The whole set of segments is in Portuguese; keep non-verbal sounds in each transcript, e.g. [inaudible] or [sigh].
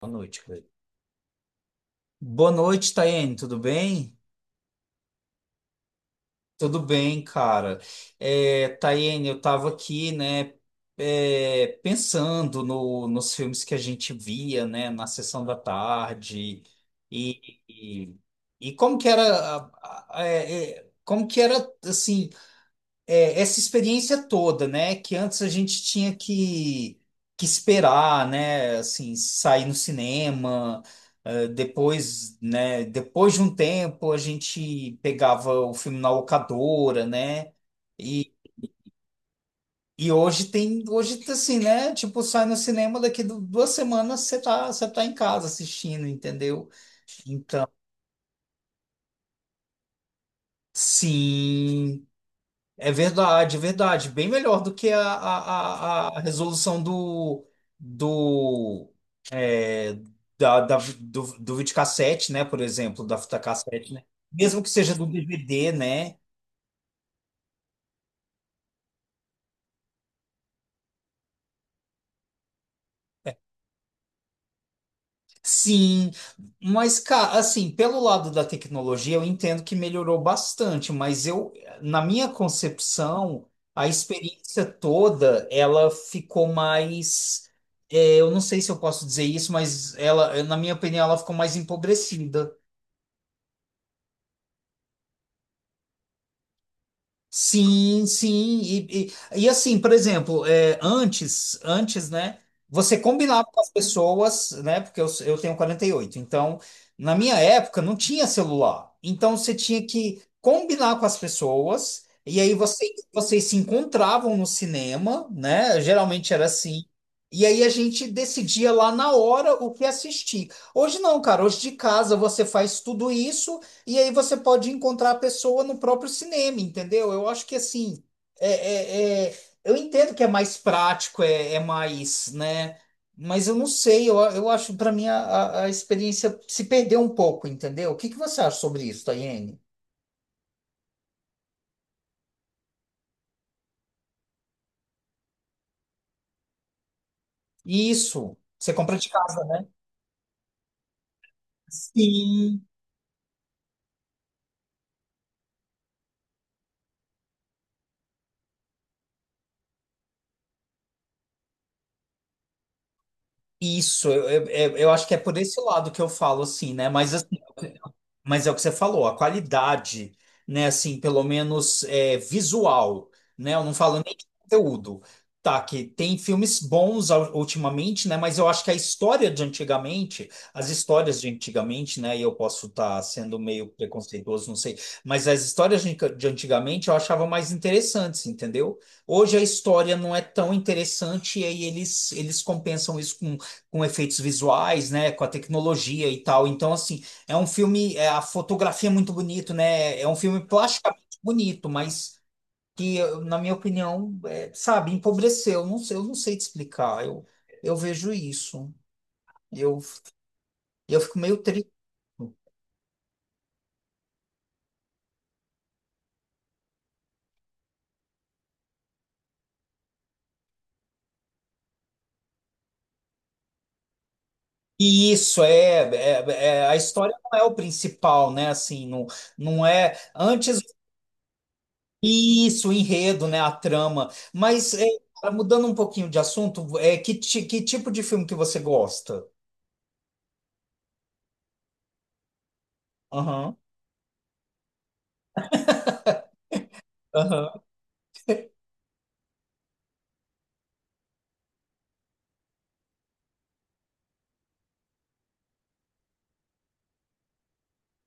Boa noite, Cleiton. Boa noite, Taiane, tudo bem? Tudo bem, cara. Taiane, eu tava aqui, né, pensando nos filmes que a gente via, né, na sessão da tarde e, e, e como que era, como que era, assim, essa experiência toda, né? Que antes a gente tinha que esperar, né? Assim, sair no cinema, depois, né? Depois de um tempo a gente pegava o filme na locadora, né? E, e hoje tem, hoje assim, né? Tipo, sai no cinema daqui duas semanas você tá em casa assistindo, entendeu? Então, sim. É verdade, é verdade. Bem melhor do que a resolução do, é, do videocassete, né? Por exemplo, da fita cassete, né? Mesmo que seja do DVD, né? Sim, mas cara, assim, pelo lado da tecnologia, eu entendo que melhorou bastante, mas eu, na minha concepção, a experiência toda, ela ficou mais, eu não sei se eu posso dizer isso, mas ela, na minha opinião, ela ficou mais empobrecida. Sim, sim. E assim, por exemplo, antes, né? Você combinava com as pessoas, né? Porque eu tenho 48. Então, na minha época, não tinha celular. Então, você tinha que combinar com as pessoas. E aí, vocês se encontravam no cinema, né? Geralmente era assim. E aí, a gente decidia lá na hora o que assistir. Hoje não, cara. Hoje de casa você faz tudo isso. E aí você pode encontrar a pessoa no próprio cinema, entendeu? Eu acho que assim, é, é- é- eu entendo que é mais prático, é mais, né? Mas eu não sei, eu acho, para mim, a experiência se perdeu um pouco, entendeu? O que que você acha sobre isso, Tayene? Isso, você compra de casa, né? Sim. Isso, eu eu acho que é por esse lado que eu falo, assim, né? Mas assim, mas é o que você falou, a qualidade, né, assim, pelo menos visual, né, eu não falo nem de conteúdo, tá, que tem filmes bons ultimamente, né, mas eu acho que a história de antigamente, as histórias de antigamente, né, e eu posso estar sendo meio preconceituoso, não sei, mas as histórias de antigamente eu achava mais interessantes, entendeu? Hoje a história não é tão interessante e aí eles compensam isso com efeitos visuais, né, com a tecnologia e tal, então, assim, é um filme, é, a fotografia é muito bonito, né? É um filme plasticamente bonito, mas que, na minha opinião, é, sabe, empobreceu. Não sei, eu não sei te explicar. Eu vejo isso. Eu, eu fico meio triste. E isso é, é, é- a história não é o principal, né? Assim, não, não é antes isso, o enredo, né? A trama. Mas é, mudando um pouquinho de assunto, é que, que tipo de filme que você gosta? Aham, aham,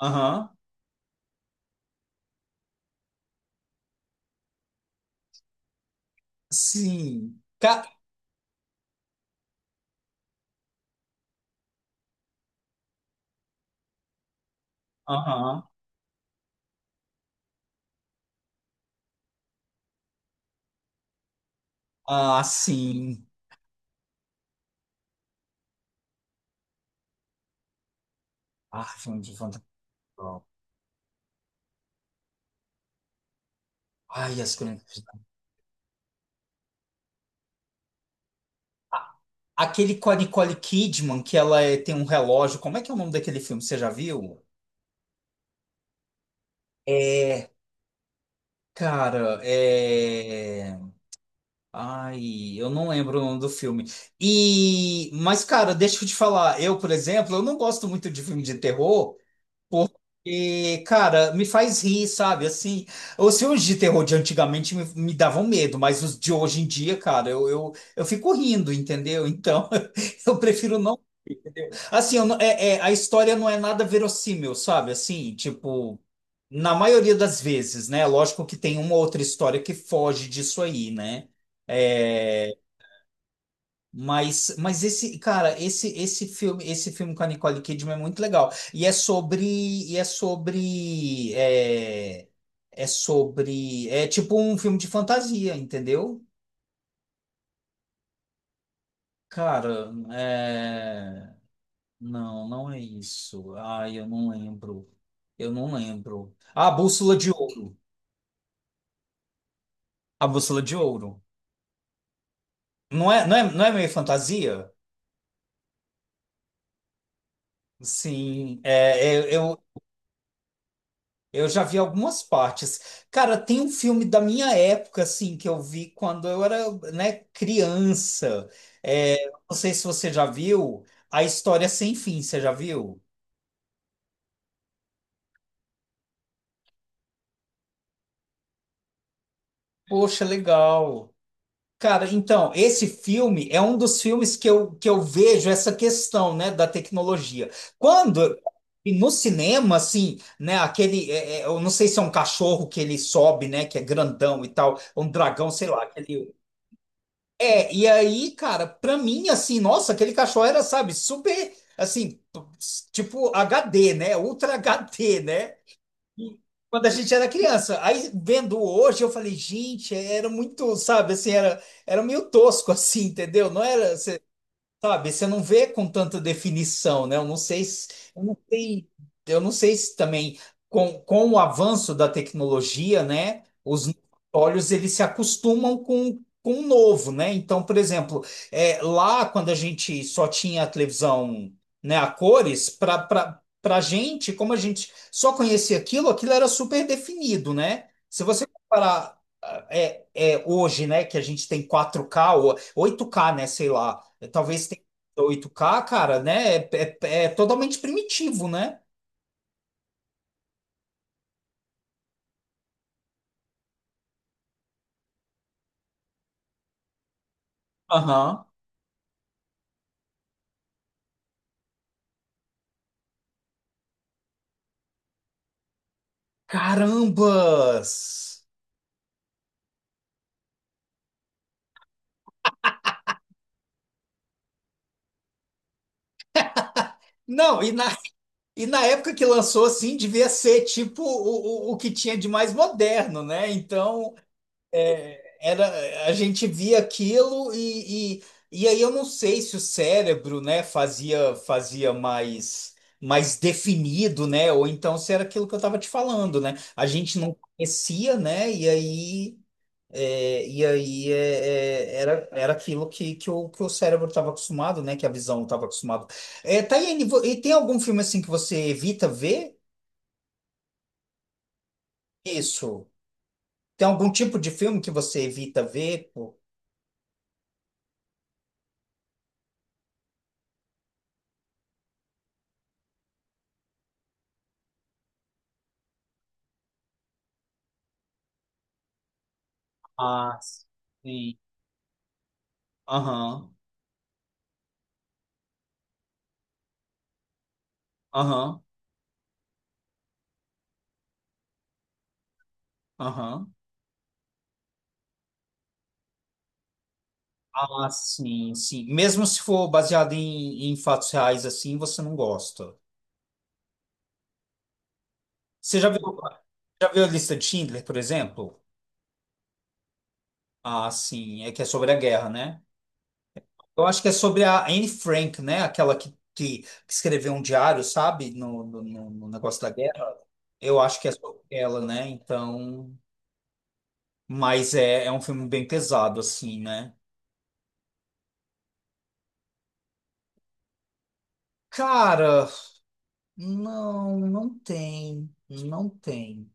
aham. Sim. Ca... Aham. Ah, sim. Ah, filme de fantástico. Ai, as crônicas. Ah, aquele com a Nicole Kidman, que ela tem um relógio. Como é que é o nome daquele filme? Você já viu? É, cara, é. Ai, eu não lembro o nome do filme. E, mas, cara, deixa eu te falar. Eu, por exemplo, eu não gosto muito de filme de terror. E, cara, me faz rir, sabe? Assim, os filmes de terror de antigamente me davam medo, mas os de hoje em dia, cara, eu fico rindo, entendeu? Então, [laughs] eu prefiro não. Assim, eu não- é, é, a história não é nada verossímil, sabe? Assim, tipo, na maioria das vezes, né? Lógico que tem uma outra história que foge disso aí, né? É, mas esse, cara, esse filme com a Nicole Kidman é muito legal. E é sobre, é sobre, é tipo um filme de fantasia, entendeu? Cara, é... não, não é isso. Ai, eu não lembro. Eu não lembro. Ah, Bússola de Ouro. A Bússola de Ouro. Não é, não é, não é meio fantasia? Sim, é, é, eu já vi algumas partes. Cara, tem um filme da minha época, assim, que eu vi quando eu era, né, criança. É, não sei se você já viu A História Sem Fim, você já viu? Poxa, legal. Cara, então, esse filme é um dos filmes que que eu vejo essa questão, né, da tecnologia. Quando, e no cinema, assim, né, aquele, eu não sei se é um cachorro que ele sobe, né, que é grandão e tal, um dragão, sei lá, aquele. É, e aí, cara, pra mim, assim, nossa, aquele cachorro era, sabe, super, assim, tipo HD, né? Ultra HD, né? E quando a gente era criança. Aí, vendo hoje, eu falei, gente, era muito, sabe, assim, era, era meio tosco, [laughs] assim, entendeu? Não era. Sabe, você não vê com tanta definição, né? Eu não sei, eu não sei se também com o avanço da tecnologia, né? Os olhos eles se acostumam com o novo, né? Então, por exemplo, é, lá quando a gente só tinha a televisão, né, a cores, para gente, como a gente só conhecia aquilo, aquilo era super definido, né? Se você comparar hoje, né, que a gente tem 4K ou 8K né, sei lá. É, talvez tenha 8K cara, né? É totalmente primitivo, né? Aham. Carambas! Não, e na época que lançou, assim, devia ser tipo o que tinha de mais moderno, né? Então, é, era, a gente via aquilo e aí eu não sei se o cérebro, né, fazia fazia mais mais definido, né, ou então se era aquilo que eu estava te falando, né? A gente não conhecia, né? E aí era aquilo que o cérebro estava acostumado, né? Que a visão estava acostumada. É, Taiane, e tem algum filme assim que você evita ver? Isso. Tem algum tipo de filme que você evita ver? Pô? Ah, sim. Aham, aham, aham. Ah, sim, sim. Mesmo se for baseado em, em fatos reais assim, você não gosta. Você já viu, já viu a lista de Schindler, por exemplo? Ah, sim, é que é sobre a guerra, né? Eu acho que é sobre a Anne Frank, né? Aquela que escreveu um diário, sabe? No negócio da guerra. Eu acho que é sobre ela, né? Então. Mas é, é um filme bem pesado, assim, né? Cara, não, não tem. Não tem.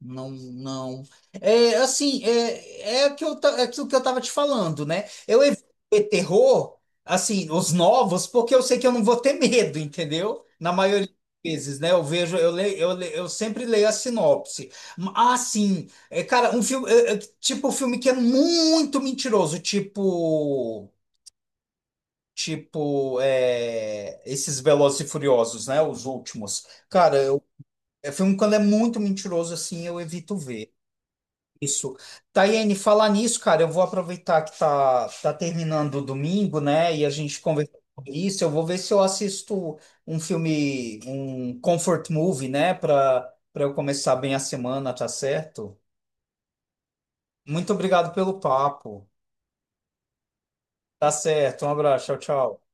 Não, não. É assim, o que eu, é aquilo que eu tava te falando, né? Eu evito terror, assim, os novos, porque eu sei que eu não vou ter medo, entendeu? Na maioria das vezes, né? Eu vejo, eu leio, eu sempre leio a sinopse. Ah, sim, é, cara, um filme, um filme que é muito mentiroso, tipo, esses Velozes e Furiosos, né? Os últimos. Cara, eu, é filme quando é muito mentiroso, assim, eu evito ver. Isso. Taiane, falar nisso, cara, eu vou aproveitar que tá terminando o domingo, né? E a gente conversou sobre isso. Eu vou ver se eu assisto um filme, um comfort movie, né? Para eu começar bem a semana, tá certo? Muito obrigado pelo papo. Tá certo. Um abraço. Tchau, tchau.